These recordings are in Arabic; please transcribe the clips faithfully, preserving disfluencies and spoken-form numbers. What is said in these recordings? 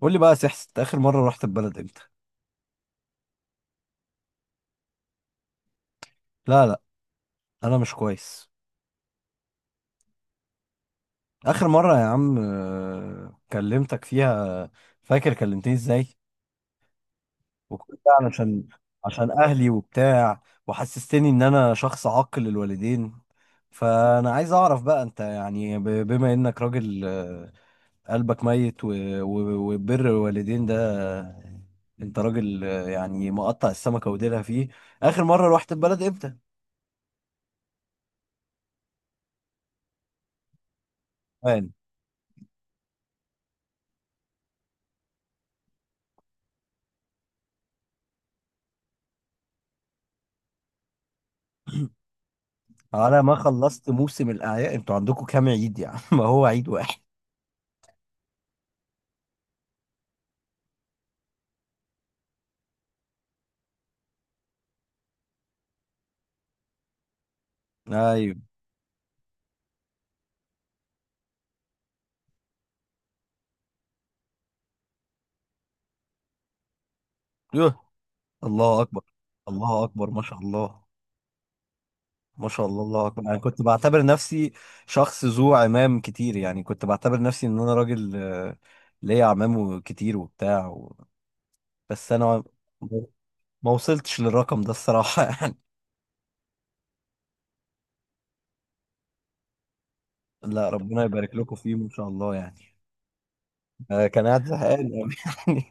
قول لي بقى يا سحس، انت اخر مره رحت البلد امتى؟ لا لا، انا مش كويس. اخر مره يا عم آه، كلمتك فيها. فاكر كلمتني ازاي؟ وكل ده علشان عشان اهلي وبتاع. وحسستني ان انا شخص عاق للوالدين. فانا عايز اعرف بقى، انت يعني ب- بما انك راجل، آه، قلبك ميت و- و- وبر الوالدين ده. آه، انت راجل، آه، يعني مقطع السمكه وديلها فيه. اخر مره رحت البلد امتى؟ على ما خلصت موسم الأعياد، انتوا عندكم كام عيد يعني؟ ما هو عيد واحد. ايوه. يوه. الله اكبر. الله اكبر ما شاء الله. ما شاء الله، الله اكبر. انا كنت بعتبر نفسي شخص ذو عمام كتير، يعني كنت بعتبر نفسي ان انا راجل، آه، ليا عمام كتير وبتاع و... بس انا ما ما وصلتش للرقم ده الصراحة يعني. لا، ربنا يبارك لكم فيه ما شاء الله يعني. آه، كان قاعد زهقان أوي يعني.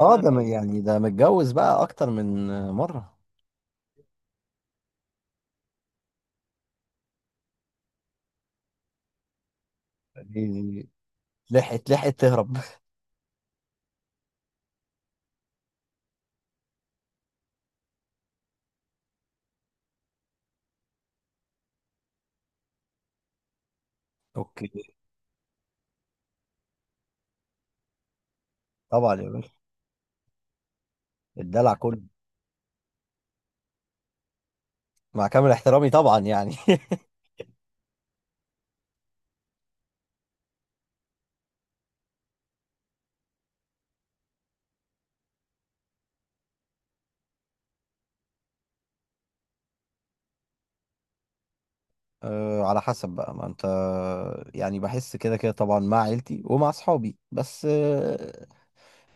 اه، ده م- يعني ده متجوز بقى اكتر من آه، مرة. يعني لحقت لحقت تهرب. اوكي. طبعا يا باشا. الدلع كله. مع كامل احترامي طبعا يعني أه، على حسب بقى ما انت. يعني بحس كده كده طبعا مع عيلتي ومع اصحابي، بس أه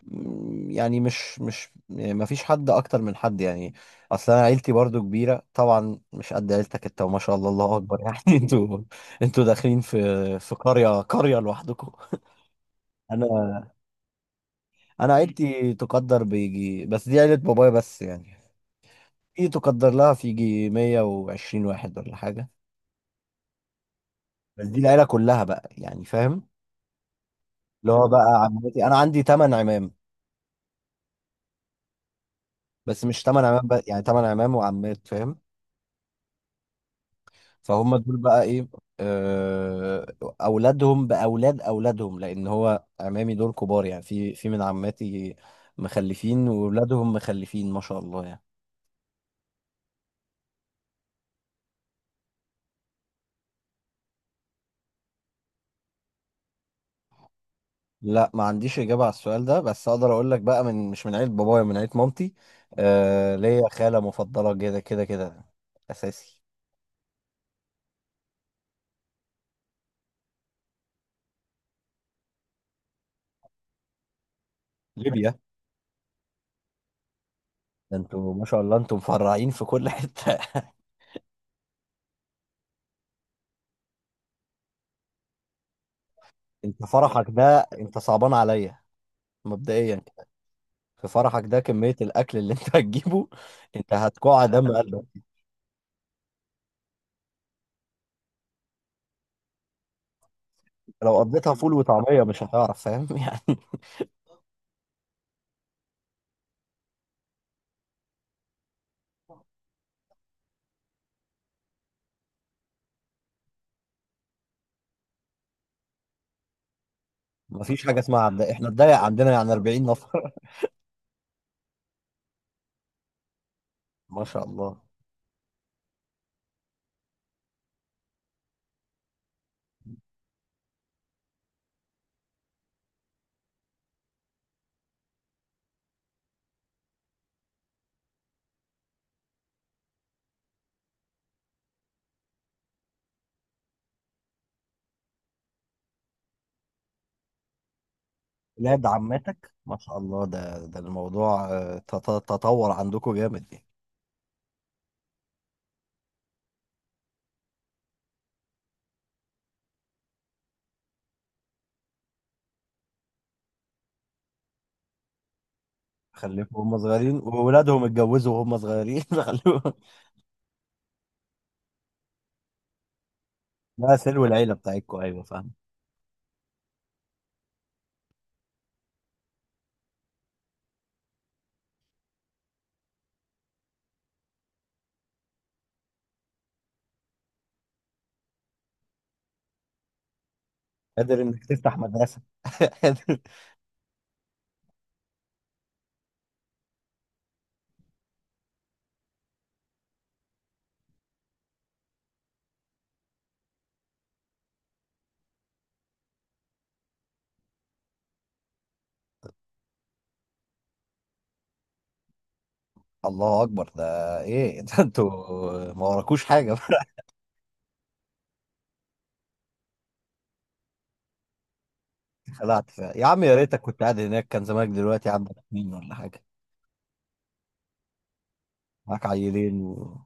م- يعني مش مش ما فيش حد اكتر من حد يعني. اصل انا عيلتي برضو كبيره طبعا، مش قد عيلتك انت وما شاء الله الله اكبر يعني انتوا انتوا داخلين في في قريه قريه لوحدكم. انا انا عيلتي تقدر بيجي، بس دي عيله بابايا بس يعني. دي تقدر لها في يجي مية وعشرين واحد ولا حاجة. بس دي العيلة كلها بقى يعني، فاهم؟ اللي هو بقى عمتي، أنا عندي تمن عمام. بس مش تمن عمام بقى يعني، تمن عمام وعمات، فاهم؟ فهم دول بقى إيه؟ آه، أولادهم بأولاد أولادهم، لأن هو عمامي دول كبار يعني، في في من عماتي مخلفين وولادهم مخلفين ما شاء الله يعني. لا، ما عنديش إجابة على السؤال ده، بس أقدر أقول لك بقى، من مش من عيلة بابايا، من عيلة مامتي. آه ليا خالة مفضلة، كده كده كده، أساسي. ليبيا. ده انتوا ما شاء الله، انتوا مفرعين في كل حتة انت فرحك ده انت صعبان عليا مبدئيا. في فرحك ده، كمية الأكل اللي انت هتجيبه، انت هتقع دم قلبك. لو قضيتها فول وطعمية مش هتعرف، فاهم يعني؟ مفيش حاجة اسمها عبد، احنا الضيق عندنا يعني أربعين نفر ما شاء الله. ولاد عمتك ما شاء الله. ده ده الموضوع، آه، تط- تطور عندكم جامد يعني. خلفوا هم صغيرين، وولادهم اتجوزوا وهم صغيرين خلوهم. لا، سلو العيله بتاعتكم، ايوه فاهم. قادر انك تفتح مدرسه الله اكبر ده. ايه؟ ده انتوا ما وراكوش حاجه خلعت فيها يا عم، يا ريتك كنت قاعد هناك، كان زمانك دلوقتي عندك اتنين ولا حاجه. معاك عيلين و...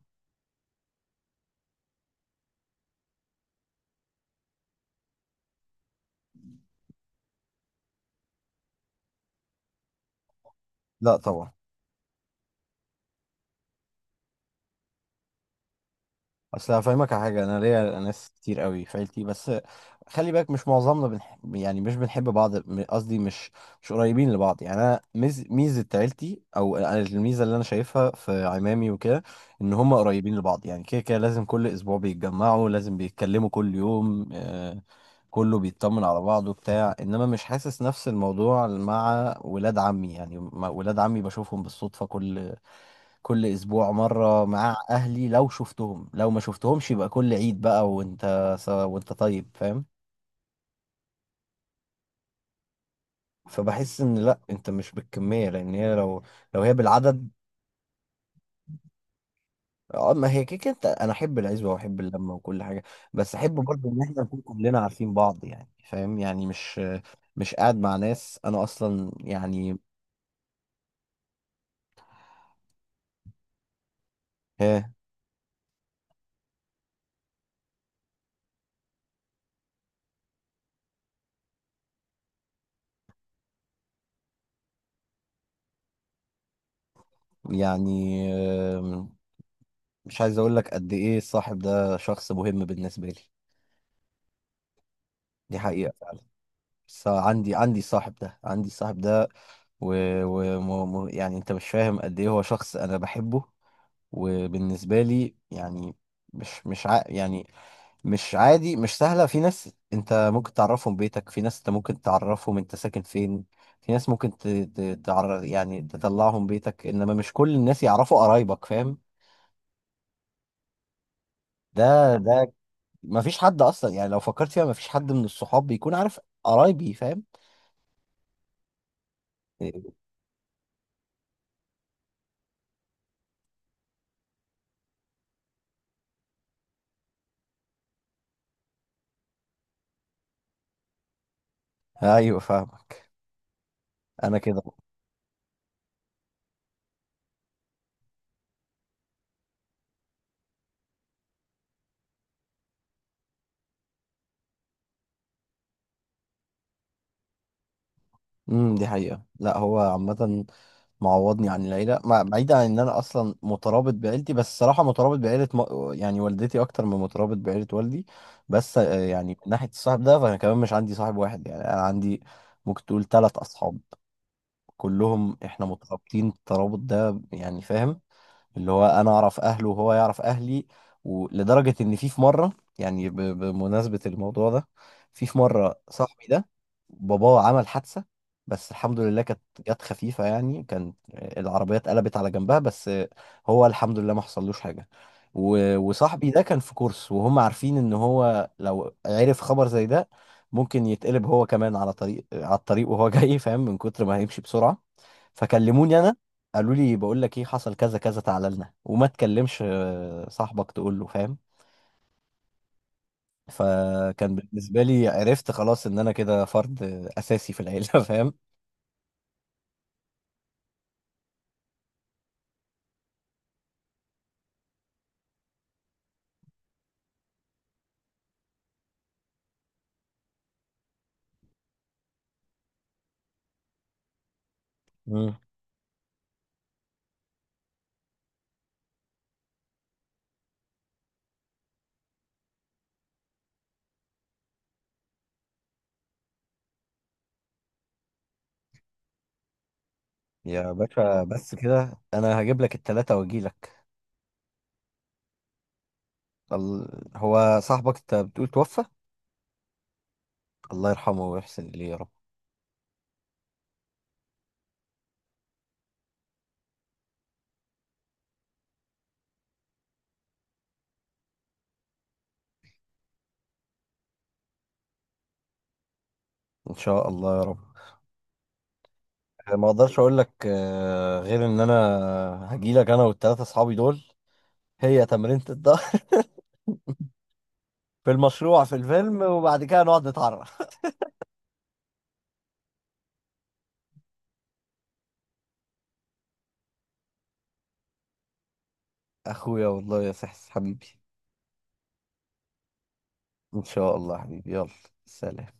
لا طبعا. اصل هفهمك على حاجه، انا ليا ناس كتير قوي في عيلتي، بس خلي بالك مش معظمنا بنح... يعني مش بنحب بعض، م- قصدي مش، مش قريبين لبعض يعني. انا ميز... ميزه عيلتي، او الميزه اللي انا شايفها في عمامي وكده، ان هم قريبين لبعض يعني. كده كده لازم كل اسبوع بيتجمعوا، لازم بيتكلموا كل يوم، آه... كله بيطمن على بعضه بتاع. انما مش حاسس نفس الموضوع مع ولاد عمي يعني، مع ولاد عمي بشوفهم بالصدفه كل كل اسبوع مره. مع اهلي لو شفتهم لو ما شفتهمش يبقى كل عيد بقى، وانت س- وانت طيب، فاهم؟ فبحس ان، لا، انت مش بالكميه، لان هي لو لو هي بالعدد. اه، ما هي كده كده انت. انا احب العزوه واحب اللمه وكل حاجه، بس احب برضه ان احنا نكون كلنا عارفين بعض يعني، فاهم يعني؟ مش مش قاعد مع ناس انا اصلا يعني. ها. يعني آم، مش عايز اقول لك قد ايه الصاحب ده شخص مهم بالنسبه لي. دي حقيقه. بس عندي عندي صاحب ده، عندي صاحب ده، و... و... م... م... يعني انت مش فاهم قد ايه هو شخص انا بحبه وبالنسبه لي يعني. مش مش ع... يعني مش عادي، مش سهله. في ناس انت ممكن تعرفهم بيتك، في ناس انت ممكن تعرفهم انت ساكن فين، في ناس ممكن ت... ت... تعرف يعني تطلعهم بيتك، انما مش كل الناس يعرفوا قرايبك، فاهم؟ ده ده ما فيش حد اصلا يعني، لو فكرت فيها ما فيش حد من الصحاب بيكون عارف قرايبي، فاهم؟ إيه، ايوه فاهمك. انا كده. امم دي حقيقة، لا هو عامة معوضني عن العيلة، مع- بعيدا عن ان انا اصلا مترابط بعيلتي، بس الصراحة مترابط بعيلة م... يعني والدتي اكتر من مترابط بعيلة والدي. بس آه، يعني من ناحية الصاحب ده، فانا كمان مش عندي صاحب واحد يعني. انا عندي، ممكن تقول ثلاث اصحاب، كلهم احنا مترابطين الترابط ده يعني، فاهم؟ اللي هو انا اعرف اهله وهو يعرف اهلي. ولدرجه ان في في مره، يعني ب- بمناسبه الموضوع ده، في في مره صاحبي ده، باباه عمل حادثه. بس الحمد لله كانت، جت خفيفه يعني، كان العربيه اتقلبت على جنبها بس، هو الحمد لله ما حصلوش حاجه. و- وصاحبي ده كان في كورس، وهم عارفين ان هو لو عرف خبر زي ده، ممكن يتقلب هو كمان على طريق على الطريق وهو جاي، فاهم، من كتر ما هيمشي بسرعه. فكلموني انا، قالوا لي، بقول لك ايه، حصل كذا كذا، تعالى لنا وما تكلمش آه، صاحبك، تقول له، فاهم؟ فكان بالنسبه لي، عرفت خلاص ان انا كده فرد اساسي في العيله فاهم؟ مم. يا باشا، بس كده انا هجيب لك التلاته واجي لك. ال... هو صاحبك انت بتقول توفى؟ الله يرحمه ويحسن اليه يا رب. ان شاء الله يا رب. ما اقدرش اقول لك آه، غير ان انا هجي لك، انا والتلاته اصحابي دول. هي تمرينة الظهر في المشروع في الفيلم، وبعد كده نقعد نتعرف. اخويا والله يا سحس حبيبي. ان شاء الله حبيبي، يلا، سلام.